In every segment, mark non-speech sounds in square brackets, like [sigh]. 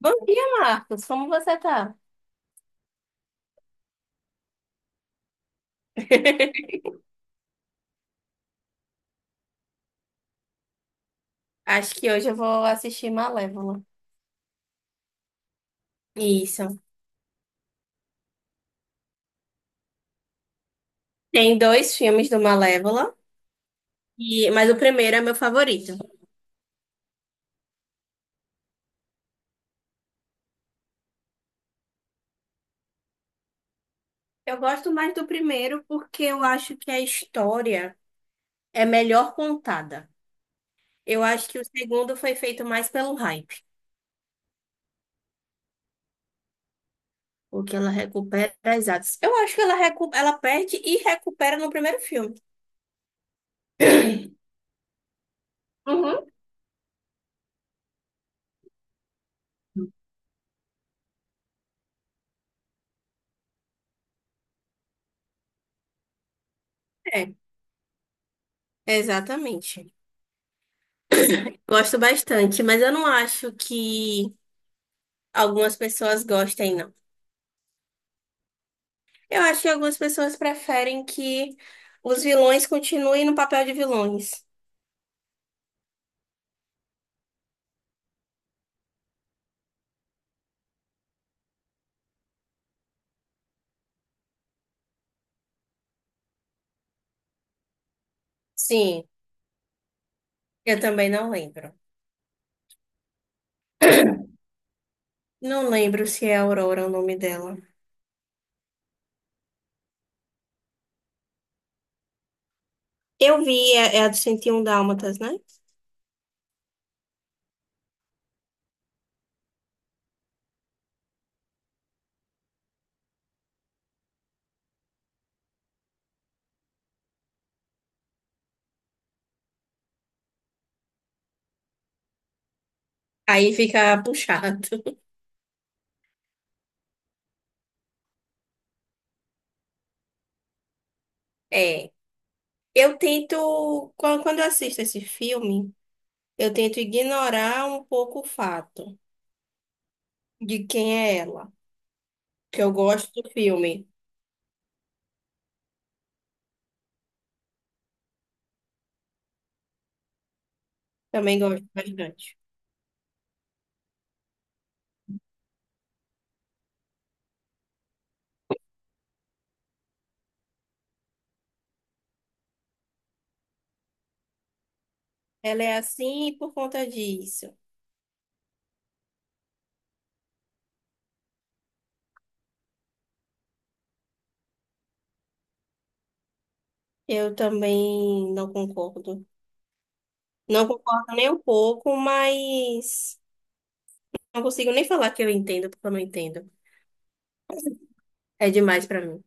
Bom dia, Marcos. Como você tá? [laughs] Acho que hoje eu vou assistir Malévola. Isso. Tem dois filmes do Malévola, e... mas o primeiro é meu favorito. Eu gosto mais do primeiro porque eu acho que a história é melhor contada. Eu acho que o segundo foi feito mais pelo hype, porque ela recupera as atos. Eu acho que ela, ela perde e recupera no primeiro filme. [coughs] [clears throat] Uhum. É, exatamente. [coughs] Gosto bastante, mas eu não acho que algumas pessoas gostem, não. Eu acho que algumas pessoas preferem que os vilões continuem no papel de vilões. Sim, eu também não lembro. Não lembro se é Aurora o nome dela. Eu vi, é, é a do 101 Dálmatas, né? Aí fica [laughs] puxado. É. Eu tento, quando eu assisto esse filme, eu tento ignorar um pouco o fato de quem é ela. Que eu gosto do filme. Também gosto bastante. Ela é assim por conta disso. Eu também não concordo. Não concordo nem um pouco, mas não consigo nem falar que eu entendo, porque eu não entendo. É demais pra mim.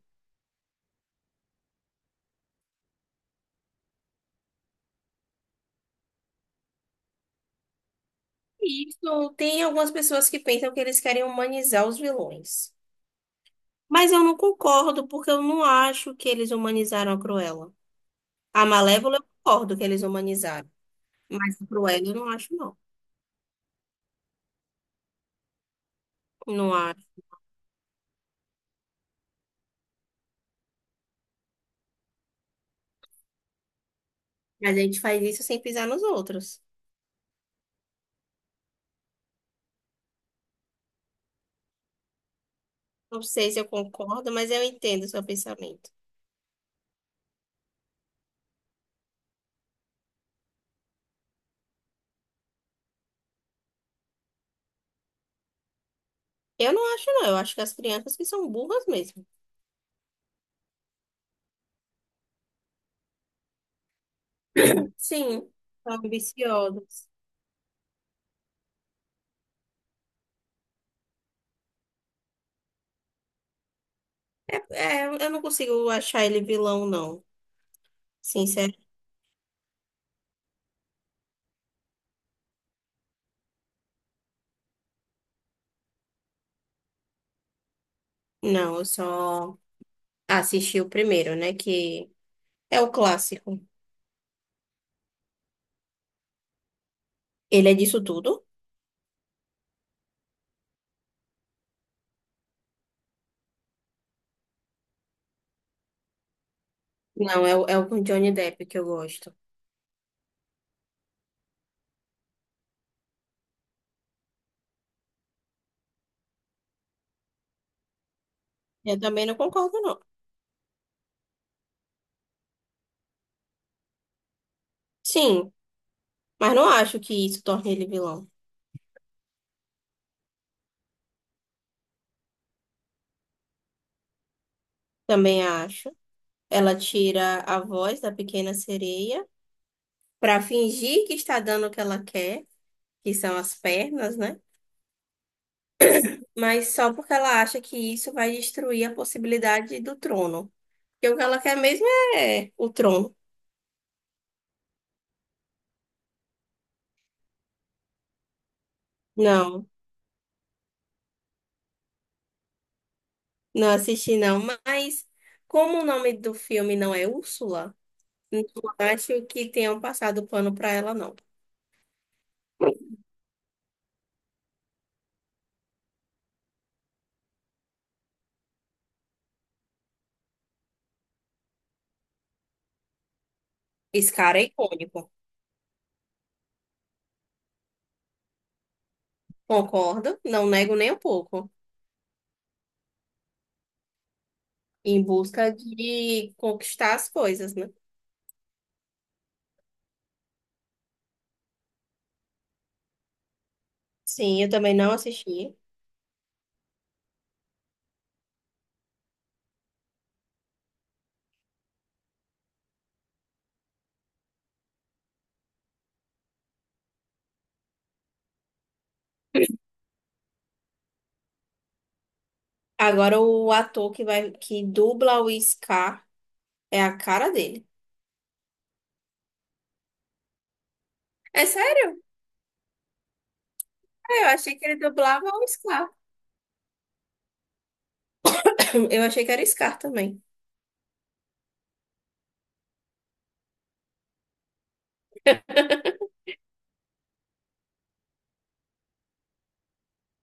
E isso tem algumas pessoas que pensam que eles querem humanizar os vilões. Mas eu não concordo, porque eu não acho que eles humanizaram a Cruella. A Malévola, eu concordo que eles humanizaram. Mas a Cruella, eu não acho, não. Não acho. Mas a gente faz isso sem pisar nos outros. Não sei se eu concordo, mas eu entendo o seu pensamento. Eu não acho, não. Eu acho que as crianças que são burras mesmo. Sim, são ambiciosos. É, é, eu não consigo achar ele vilão, não. Sincero, não, eu só assisti o primeiro, né? Que é o clássico. Ele é disso tudo? Não, é, é o com Johnny Depp que eu gosto. Eu também não concordo, não. Sim, mas não acho que isso torne ele vilão. Também acho. Ela tira a voz da pequena sereia pra fingir que está dando o que ela quer, que são as pernas, né? Mas só porque ela acha que isso vai destruir a possibilidade do trono. Porque o que ela quer mesmo é o trono. Não, não assisti não. Mas como o nome do filme não é Úrsula, não acho que tenham passado pano pra ela, não. Esse cara é icônico. Concordo, não nego nem um pouco. Em busca de conquistar as coisas, né? Sim, eu também não assisti. Agora o ator que vai que dubla o Scar é a cara dele. É. Eu achei que ele dublava o Scar. [coughs] [clears throat] Eu achei que era o Scar também.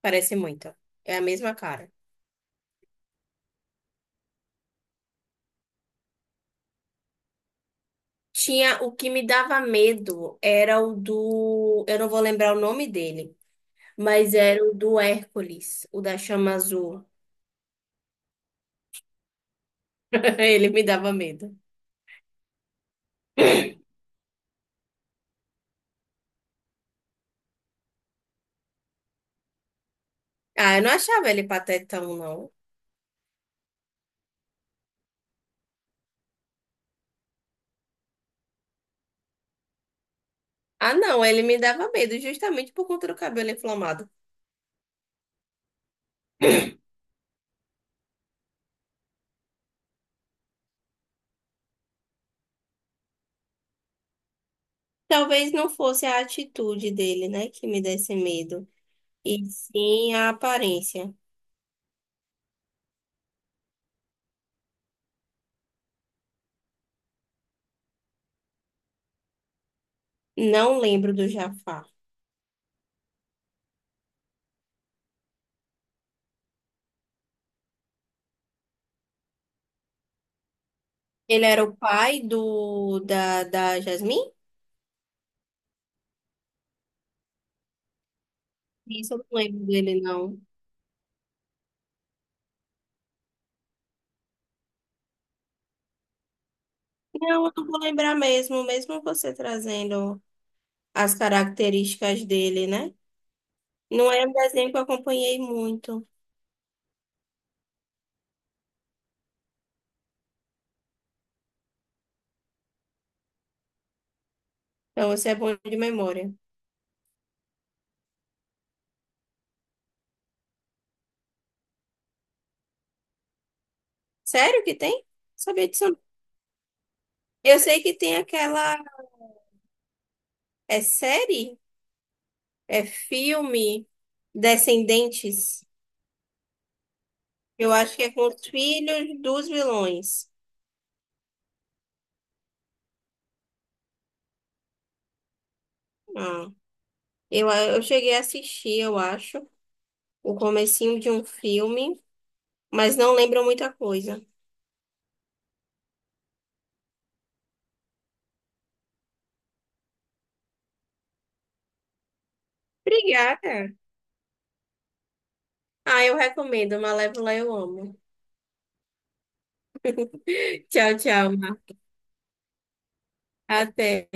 Parece muito. É a mesma cara. Tinha o que me dava medo era o do. Eu não vou lembrar o nome dele, mas era o do Hércules, o da chama azul. [laughs] Ele me dava medo. Ah, eu não achava ele patetão, não. Ah, não, ele me dava medo justamente por conta do cabelo inflamado. [coughs] Talvez não fosse a atitude dele, né, que me desse medo, e sim a aparência. Não lembro do Jafar. Ele era o pai do da, da Jasmine? Isso eu não lembro dele, não. Não, eu não vou lembrar mesmo, mesmo você trazendo as características dele, né? Não é um desenho que eu acompanhei muito. Então você é bom de memória. Sério que tem? Sabia disso, não. Eu sei que tem aquela. É série? É filme? Descendentes? Eu acho que é com os filhos dos vilões. Ah, eu cheguei a assistir, eu acho. O comecinho de um filme, mas não lembro muita coisa. Obrigada. Ah, eu recomendo. Malévola eu amo. [laughs] Tchau, tchau. Mar. Até.